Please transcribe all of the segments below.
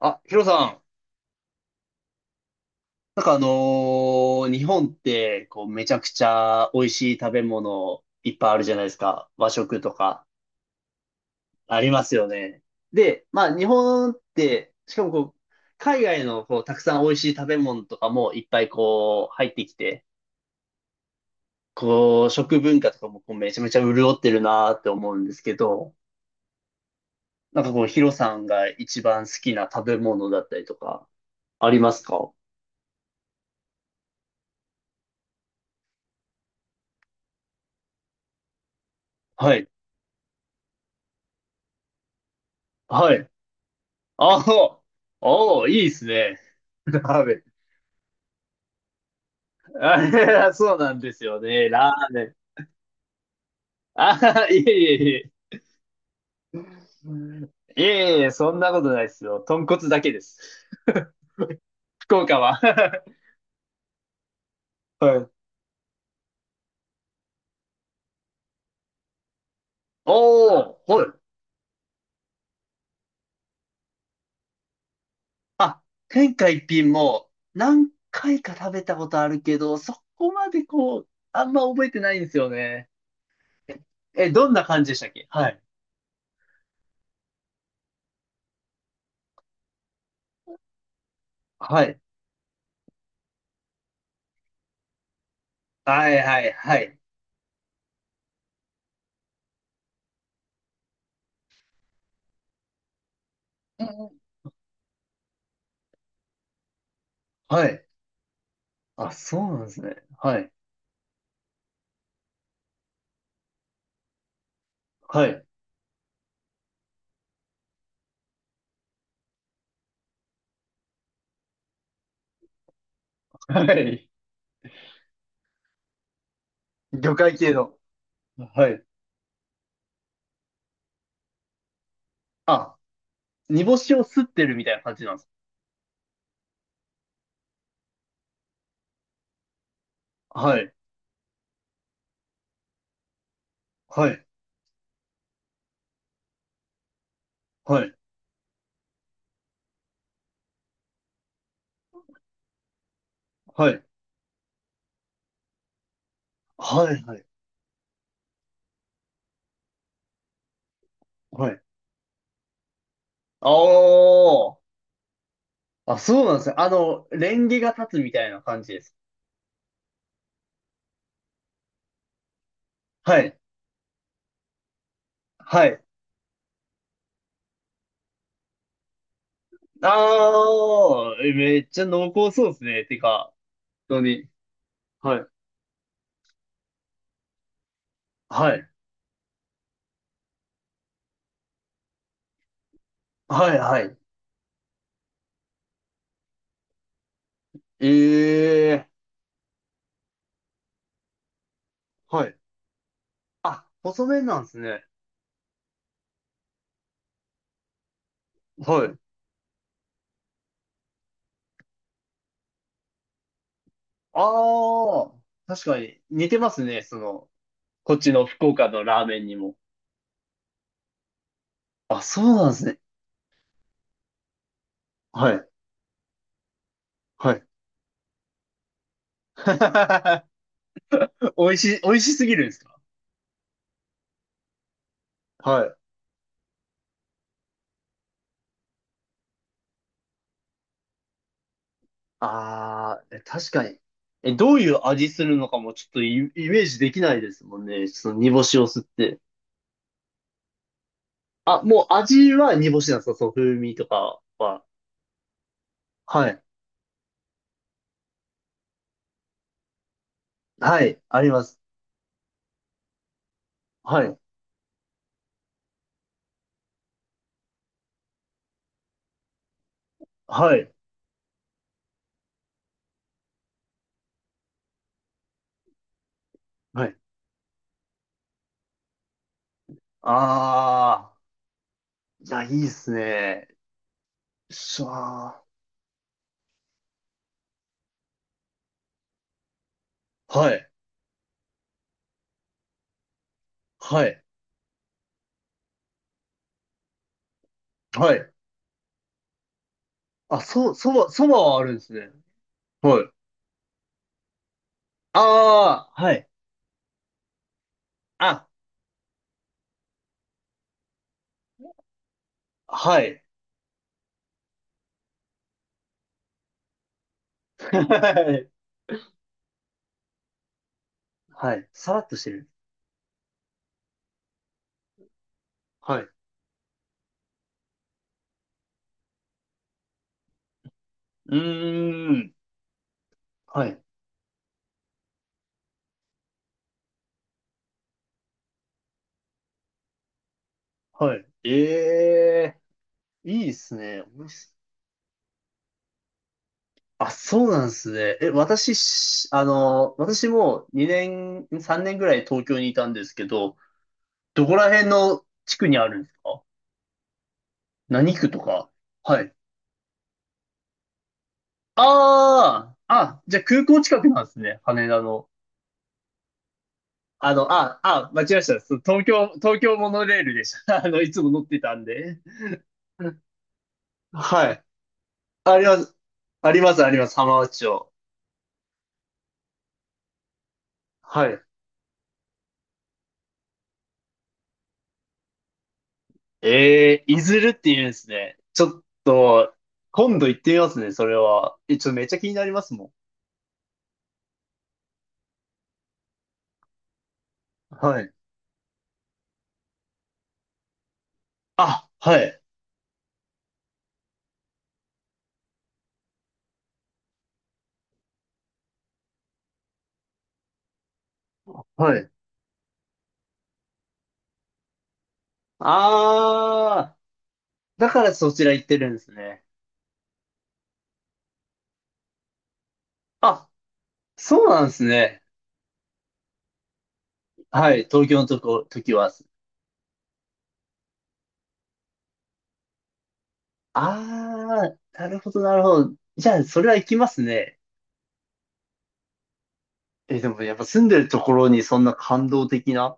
あ、ヒロさん。なんか日本って、こう、めちゃくちゃ美味しい食べ物いっぱいあるじゃないですか。和食とか、ありますよね。で、まあ、日本って、しかもこう、海外のこう、たくさん美味しい食べ物とかもいっぱいこう、入ってきて、こう、食文化とかもこう、めちゃめちゃ潤ってるなーって思うんですけど、なんかこう、ヒロさんが一番好きな食べ物だったりとか、ありますか？はい。はい。ああ、おーいいですね。ラーメン。あそうなんですよね。ラーメン。あ、いえいえいえ。いえいえ、そんなことないですよ。豚骨だけです。福岡は。はい。おー、はい。あ、天下一品も何回か食べたことあるけど、そこまでこう、あんま覚えてないんですよね。え、どんな感じでしたっけ？はい。はい。はいはいはい。うんうん。はい。あ、そうなんですね。はい。はい。はい。魚介系の。はい。あ、煮干しを吸ってるみたいな感じなんです。はい。はい。はい。はい。はい。はい。はい。ああ。あ、そうなんですね。あの、レンゲが立つみたいな感じです。はい。はい。ああ、えめっちゃ濃厚そうですね。てか、本当に。はい。はい。はい。はい。ええ。はい。あ、細麺なんですね。はい。ああ、確かに似てますね。その、こっちの福岡のラーメンにも。あ、そうなんですね。はい。はい。美味しい、美味しすぎるんですか？はい。あー、え確かに。え、どういう味するのかもちょっとイメージできないですもんね。その煮干しを吸って。あ、もう味は煮干しなんですか？その風味とかは。はい。はい、あります。はい、はい、はい。あー、いや、いいっすね。しゃー。はい、はい、はい。あ、そばはあるんですね。はい。あー、はい。あ、はい。はい。はい。さらっとしてる。はい。うーん。はい。はい。ええ、いいですね。おもしあ、そうなんですね。え、私し、あの、私も2年、3年ぐらい東京にいたんですけど、どこら辺の地区にあるんですか？何区とか？はい。ああ、あ、じゃあ空港近くなんですね。羽田の。間違えました。そう東京モノレールでした。いつも乗ってたんで。はい。あります。あります、あります。浜松町。はい。いずるって言うんですね。ちょっと、今度行ってみますね、それは。え、ちょっとめっちゃ気になりますもん。はい。あ、はい。はい。あー、だからそちら行ってるんですね。あ、そうなんですね。はい。東京のとこ、時は。あー、なるほど、なるほど。じゃあ、それは行きますね。え、でもやっぱ住んでるところにそんな感動的な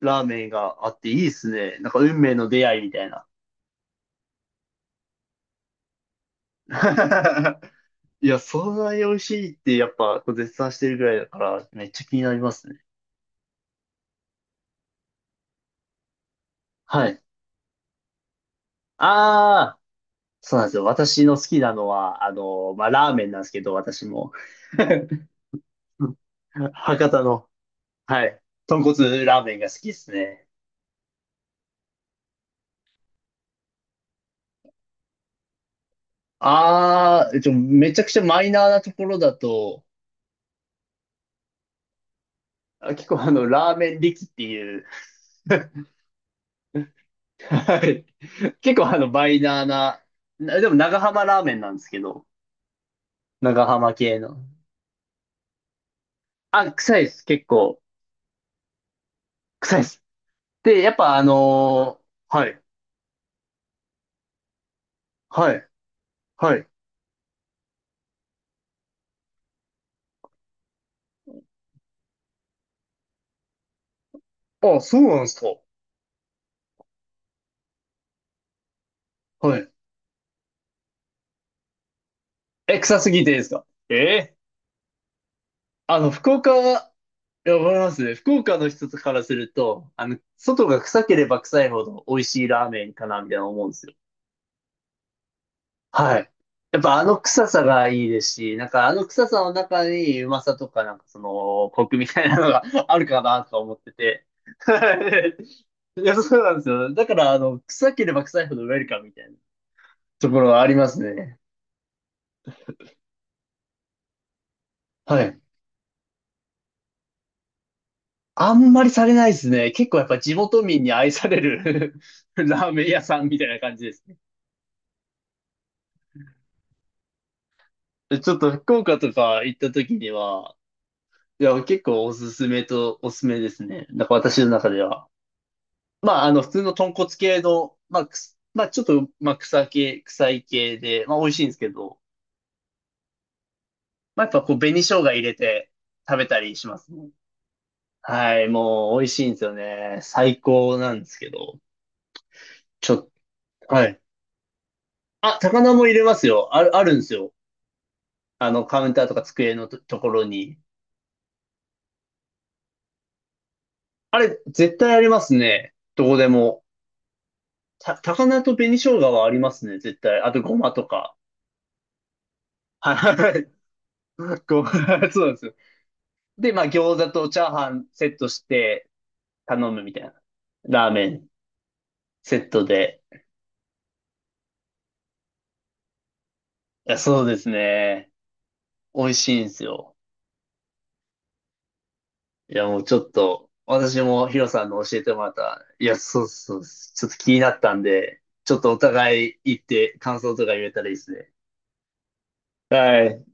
ラーメンがあっていいですね。なんか運命の出会いみたいな。いや、そんなに美味しいってやっぱこう絶賛してるぐらいだからめっちゃ気になりますね。はい。ああ、そうなんですよ。私の好きなのは、あの、まあ、ラーメンなんですけど、私も。うん、博多の、はい。豚骨ラーメンが好きですね。ああ、めちゃくちゃマイナーなところだと、あ結構ラーメン力っていう。 はい。結構バイナーな、でも長浜ラーメンなんですけど、長浜系の。あ、臭いです。結構、臭いです。で、やっぱ、はい、はい、はい。あ、そうなんですか。はい。え、臭すぎてですか？ええ。あの、福岡は、いや、わかりますね。福岡の人からすると、あの、外が臭ければ臭いほど美味しいラーメンかな、みたいな思うんですよ。はい。やっぱあの臭さがいいですし、なんかあの臭さの中にうまさとかなんかそのコクみたいなのが あるかなとか思ってて。はい。いや、そうなんですよ。だからあの、臭ければ臭いほどウェルカムみたいなところはありますね。はい。あんまりされないですね。結構やっぱ地元民に愛される ラーメン屋さんみたいな感じですね。ちょっと福岡とか行った時には、いや、結構おすすめですね。なんか私の中では。まあ、あの、普通の豚骨系の、まあ、まあ、ちょっと、まあ、臭い系で、まあ、美味しいんですけど、まあ、やっぱこう、紅生姜入れて食べたりしますね。はい、もう、美味しいんですよね。最高なんですけど、ちょっと、はい。あ、高菜も入れますよ。あるんですよ。あの、カウンターとか机のところに。あれ、絶対ありますね。どこでも。高菜と紅生姜はありますね、絶対。あと、ごまとか。はい。ごま、そうなんですよ。で、まあ餃子とチャーハンセットして頼むみたいな。ラーメンセットで。いや、そうですね。美味しいんですよ。いや、もうちょっと、私もヒロさんの教えてもらった、いや、そうそうそう、ちょっと気になったんで、ちょっとお互い行って感想とか言えたらいいですね。はい。